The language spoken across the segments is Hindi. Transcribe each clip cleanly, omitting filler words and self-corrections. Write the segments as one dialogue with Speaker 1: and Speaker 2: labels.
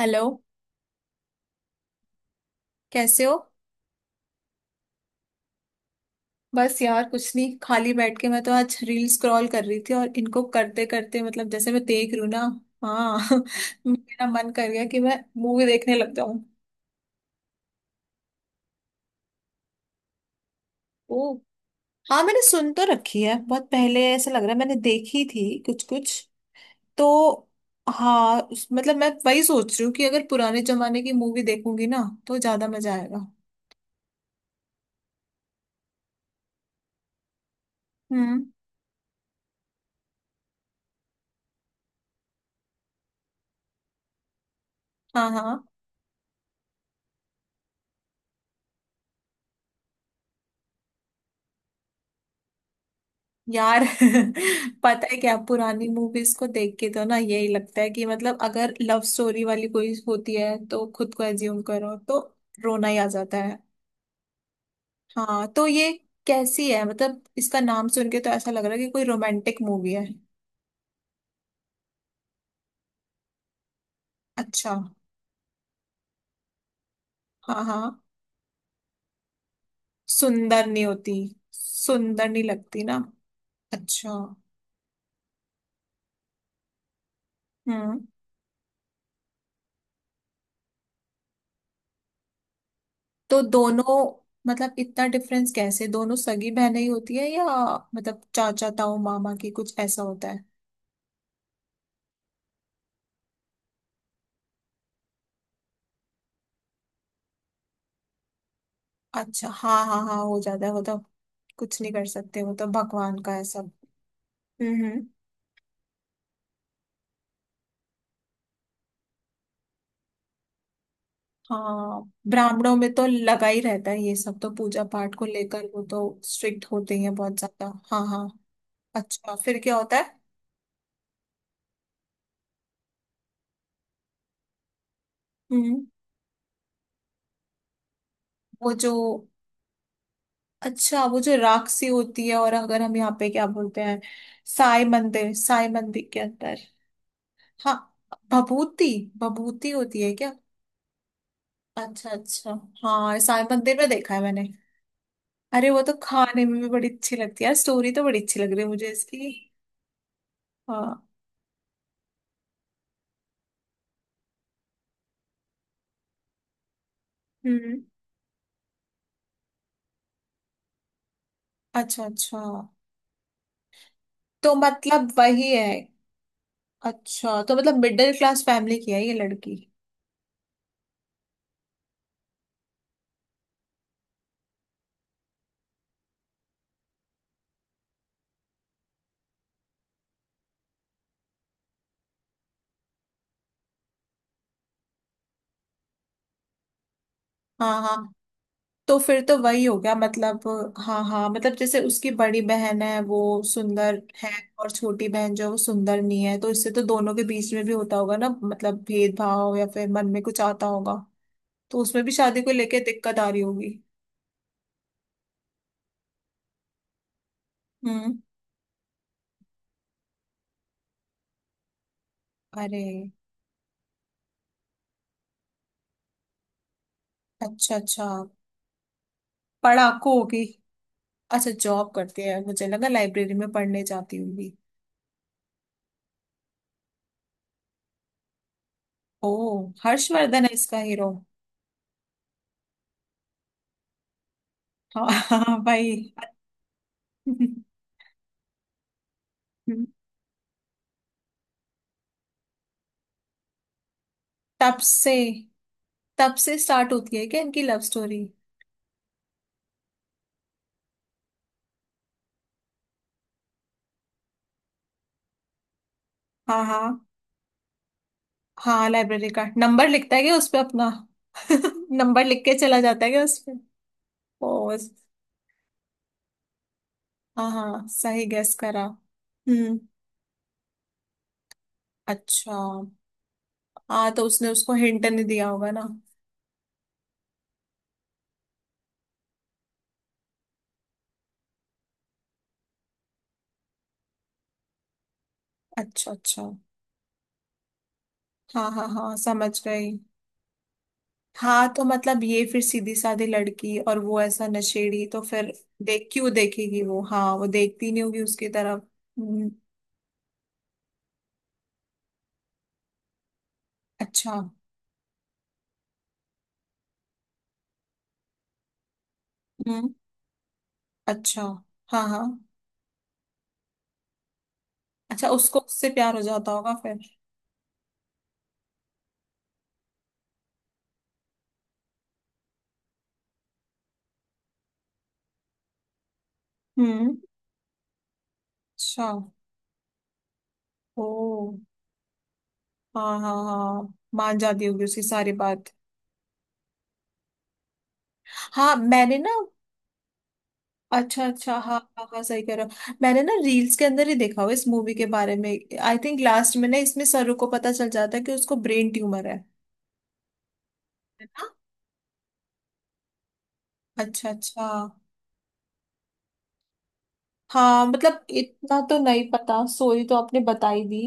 Speaker 1: हेलो। कैसे हो? बस यार कुछ नहीं, खाली बैठ के मैं तो आज रील स्क्रॉल कर रही थी, और इनको करते करते मतलब जैसे मैं देख रही हूँ ना। हाँ, मेरा मन कर गया कि मैं मूवी देखने लग जाऊं। ओ। हाँ, मैंने सुन तो रखी है बहुत पहले, ऐसा लग रहा है मैंने देखी थी कुछ कुछ तो। हाँ मतलब मैं वही सोच रही हूँ कि अगर पुराने जमाने की मूवी देखूंगी ना तो ज्यादा मजा आएगा। हम्म। हाँ हाँ। यार, पता है क्या, पुरानी मूवीज को देख के तो ना यही लगता है कि मतलब अगर लव स्टोरी वाली कोई होती है तो खुद को एज्यूम करो तो रोना ही आ जाता है। हाँ तो ये कैसी है? मतलब इसका नाम सुन के तो ऐसा लग रहा है कि कोई रोमांटिक मूवी है। अच्छा। हाँ हाँ। सुंदर नहीं होती, सुंदर नहीं लगती ना। अच्छा। हम्म। तो दोनों, मतलब इतना डिफरेंस कैसे? दोनों सगी बहनें ही होती है या मतलब चाचा ताऊ मामा की कुछ ऐसा होता है? अच्छा हाँ हाँ हाँ, हो जाता है वो तो। कुछ नहीं कर सकते, वो तो भगवान का है सब। हम्म। हाँ। ब्राह्मणों में तो लगा ही रहता है ये सब, तो पूजा पाठ को लेकर वो तो स्ट्रिक्ट होते ही हैं बहुत ज्यादा। हाँ हाँ। अच्छा, फिर क्या होता है? हम्म। वो जो अच्छा, वो जो राक्षसी होती है, और अगर हम यहाँ पे क्या बोलते हैं? साई मंदिर, साई मंदिर के अंदर। हाँ, भभूति। भभूति होती है क्या? अच्छा अच्छा। हाँ, साई मंदिर में देखा है मैंने। अरे वो तो खाने में भी बड़ी अच्छी लगती है। यार, स्टोरी तो बड़ी अच्छी लग रही है मुझे इसकी। हाँ। हम्म। अच्छा अच्छा। तो मतलब वही है। अच्छा, तो मतलब मिडिल क्लास फैमिली की है ये लड़की। हाँ हाँ, तो फिर तो वही हो गया मतलब। हाँ हाँ, मतलब जैसे उसकी बड़ी बहन है वो सुंदर है, और छोटी बहन जो है वो सुंदर नहीं है, तो इससे तो दोनों के बीच में भी होता होगा ना मतलब भेदभाव, या फिर मन में कुछ आता होगा। तो उसमें भी शादी को लेके दिक्कत आ रही होगी। हम्म। अरे। अच्छा अच्छा, पढ़ाकू होगी। अच्छा, जॉब करती है, मुझे लगा लाइब्रेरी में पढ़ने जाती होगी। ओ, हर्षवर्धन है इसका हीरो? हाँ हाँ, भाई। तब से, तब से स्टार्ट होती है क्या इनकी लव स्टोरी? हाँ हाँ हाँ। लाइब्रेरी का नंबर लिखता है क्या उस पे अपना? नंबर लिख के चला जाता है क्या उस पे? ओ। हाँ हाँ, सही गेस करा। हम्म। अच्छा। हाँ तो उसने उसको हिंट नहीं दिया होगा ना। अच्छा अच्छा। हाँ हाँ हाँ, समझ गई। हाँ तो मतलब ये फिर सीधी साधी लड़की और वो ऐसा नशेड़ी, तो फिर देख क्यों देखेगी वो? हाँ, वो देखती नहीं होगी उसकी तरफ। हम्म। अच्छा। हम्म। अच्छा। हाँ हाँ। अच्छा, उसको उससे प्यार हो जाता होगा फिर। हम्म। अच्छा। ओ। हाँ हाँ हाँ, मान जाती होगी उसकी सारी बात। हाँ, मैंने ना। अच्छा अच्छा, हाँ हाँ हाँ, सही कह रहे हो, मैंने ना रील्स के अंदर ही देखा हुआ इस मूवी के बारे में। आई थिंक लास्ट में ना इसमें सरू को पता चल जाता है कि उसको ब्रेन ट्यूमर है ना? अच्छा अच्छा। हाँ, मतलब इतना तो नहीं पता, स्टोरी तो आपने बताई दी,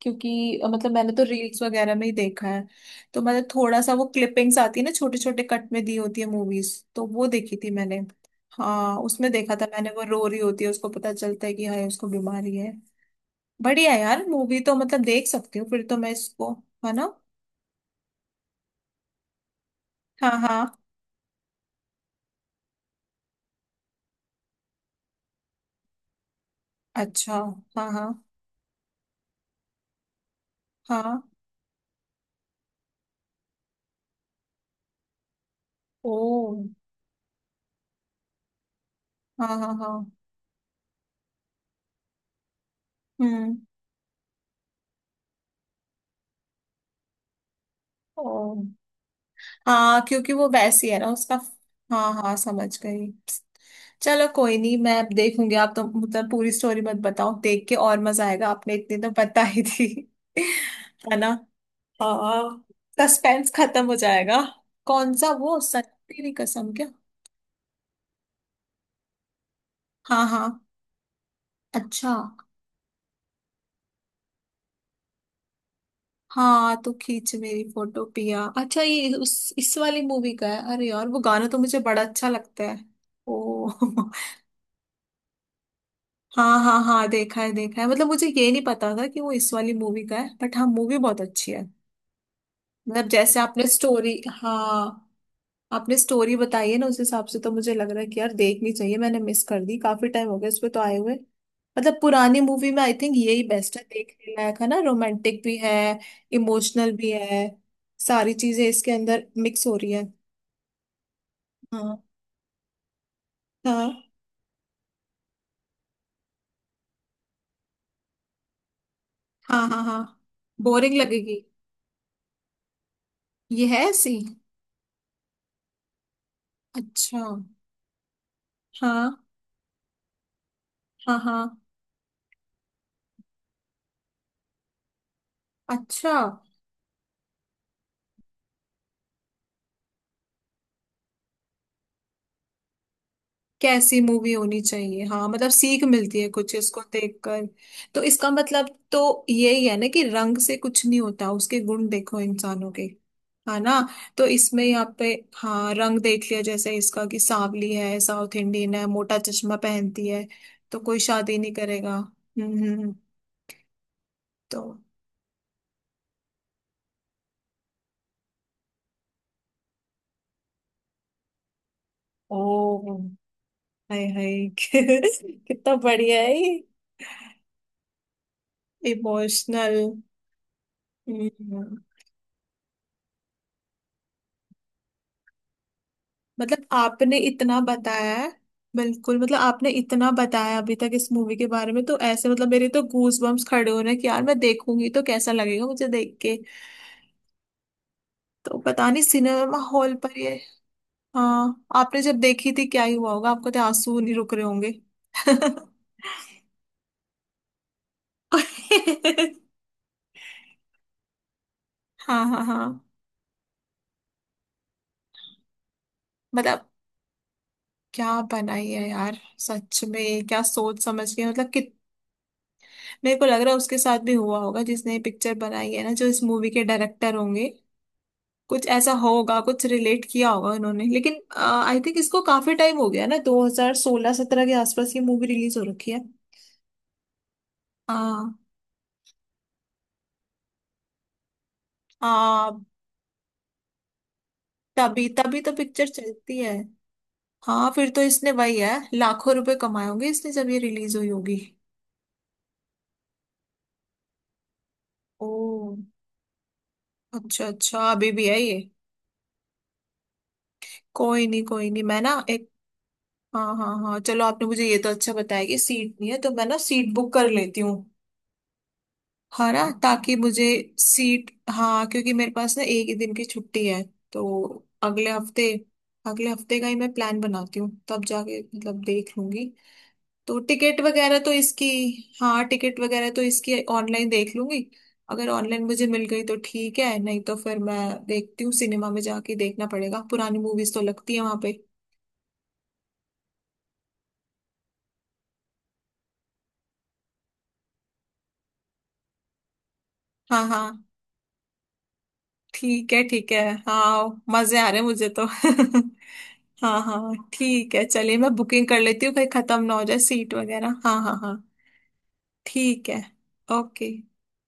Speaker 1: क्योंकि मतलब मैंने तो रील्स वगैरह में ही देखा है। तो मैंने थोड़ा सा, वो क्लिपिंग्स आती है ना छोटे छोटे कट में दी होती है मूवीज, तो वो देखी थी मैंने। हाँ, उसमें देखा था मैंने, वो रो रही होती है, उसको पता चलता है कि हाय उसको बीमारी है। बढ़िया, यार मूवी तो मतलब देख सकती हूँ फिर तो मैं इसको, है ना? हाँ हाँ। अच्छा। हाँ हाँ हाँ। ओ। हाँ हाँ हाँ। हम्म। ओ। हाँ, क्योंकि वो वैसी है ना उसका। हाँ हाँ, समझ गई। चलो कोई नहीं, मैं अब देखूंगी, आप तो मतलब पूरी स्टोरी मत बताओ, देख के और मजा आएगा, आपने इतनी तो बता ही दी। है ना। हाँ। सस्पेंस खत्म हो जाएगा। कौन सा? वो सच्ची कसम क्या? हाँ हाँ। अच्छा। हाँ, तो खींच मेरी फोटो पिया, अच्छा ये उस इस वाली मूवी का है? अरे यार वो गाना तो मुझे बड़ा अच्छा लगता है। ओ। हाँ हाँ हाँ, देखा है देखा है, मतलब मुझे ये नहीं पता था कि वो इस वाली मूवी का है, बट हाँ मूवी बहुत अच्छी है। मतलब जैसे आपने स्टोरी, हाँ आपने स्टोरी बताई है ना उस हिसाब से, तो मुझे लग रहा है कि यार देखनी चाहिए, मैंने मिस कर दी, काफी टाइम हो गया इस पे तो आए हुए। मतलब पुरानी मूवी में आई थिंक यही बेस्ट है, देखने लायक है ना, रोमांटिक भी है, इमोशनल भी है, सारी चीजें इसके अंदर मिक्स हो रही है। हाँ हाँ। हाँ हाँ हाँ। बोरिंग लगेगी, ये है ऐसी। अच्छा। हाँ हाँ हाँ। अच्छा, कैसी मूवी होनी चाहिए, हाँ मतलब सीख मिलती है कुछ इसको देखकर। तो इसका मतलब तो यही है ना कि रंग से कुछ नहीं होता, उसके गुण देखो इंसानों के, है ना? तो इसमें यहाँ पे हाँ रंग देख लिया जैसे इसका, कि सांवली है, साउथ इंडियन है, मोटा चश्मा पहनती है, तो कोई शादी नहीं करेगा। तो, ओ हाय हाय, कितना बढ़िया है, इमोशनल। हम्म, हम्म। मतलब आपने इतना बताया है, बिल्कुल मतलब आपने इतना बताया अभी तक इस मूवी के बारे में, तो ऐसे मतलब मेरे तो गूज बम्स खड़े हो रहे हैं कि यार मैं देखूंगी तो कैसा लगेगा मुझे देख के। तो पता नहीं, सिनेमा हॉल पर ये, हाँ आपने जब देखी थी क्या ही हुआ होगा, आपको तो आंसू नहीं रुक रहे होंगे। हाँ हाँ हाँ। मतलब क्या बनाई है यार, सच में क्या सोच समझ के मतलब कि, मेरे को लग रहा है उसके साथ भी हुआ होगा जिसने ये पिक्चर बनाई है ना, जो इस मूवी के डायरेक्टर होंगे, कुछ ऐसा होगा, कुछ रिलेट किया होगा उन्होंने। लेकिन आई थिंक इसको काफी टाइम हो गया ना, 2016-17 के आसपास ये मूवी रिलीज हो रखी है। हाँ हाँ। तभी तभी तो पिक्चर चलती है। हाँ, फिर तो इसने वही है लाखों रुपए कमाए होंगे इसने जब ये रिलीज हुई होगी। ओ, अच्छा अच्छा, अभी भी है ये? कोई नहीं कोई नहीं, मैं ना एक, हाँ हाँ हाँ, चलो आपने मुझे ये तो अच्छा बताया कि सीट नहीं है, तो मैं ना सीट बुक कर लेती हूँ। हरा ताकि मुझे सीट, हाँ क्योंकि मेरे पास ना एक ही दिन की छुट्टी है, तो अगले हफ्ते, अगले हफ्ते का ही मैं प्लान बनाती हूँ, तब जाके मतलब देख लूंगी। तो टिकट वगैरह तो इसकी, हाँ टिकट वगैरह तो इसकी ऑनलाइन देख लूंगी, अगर ऑनलाइन मुझे मिल गई तो ठीक है, नहीं तो फिर मैं देखती हूँ, सिनेमा में जाके देखना पड़ेगा, पुरानी मूवीज तो लगती है वहां पे। हाँ हाँ, ठीक है ठीक है। हाँ मजे आ रहे हैं मुझे तो। हाँ हाँ हाँ, ठीक है, चलिए मैं बुकिंग कर लेती हूँ कहीं खत्म ना हो जाए सीट वगैरह। हाँ हाँ हाँ, ठीक है, ओके।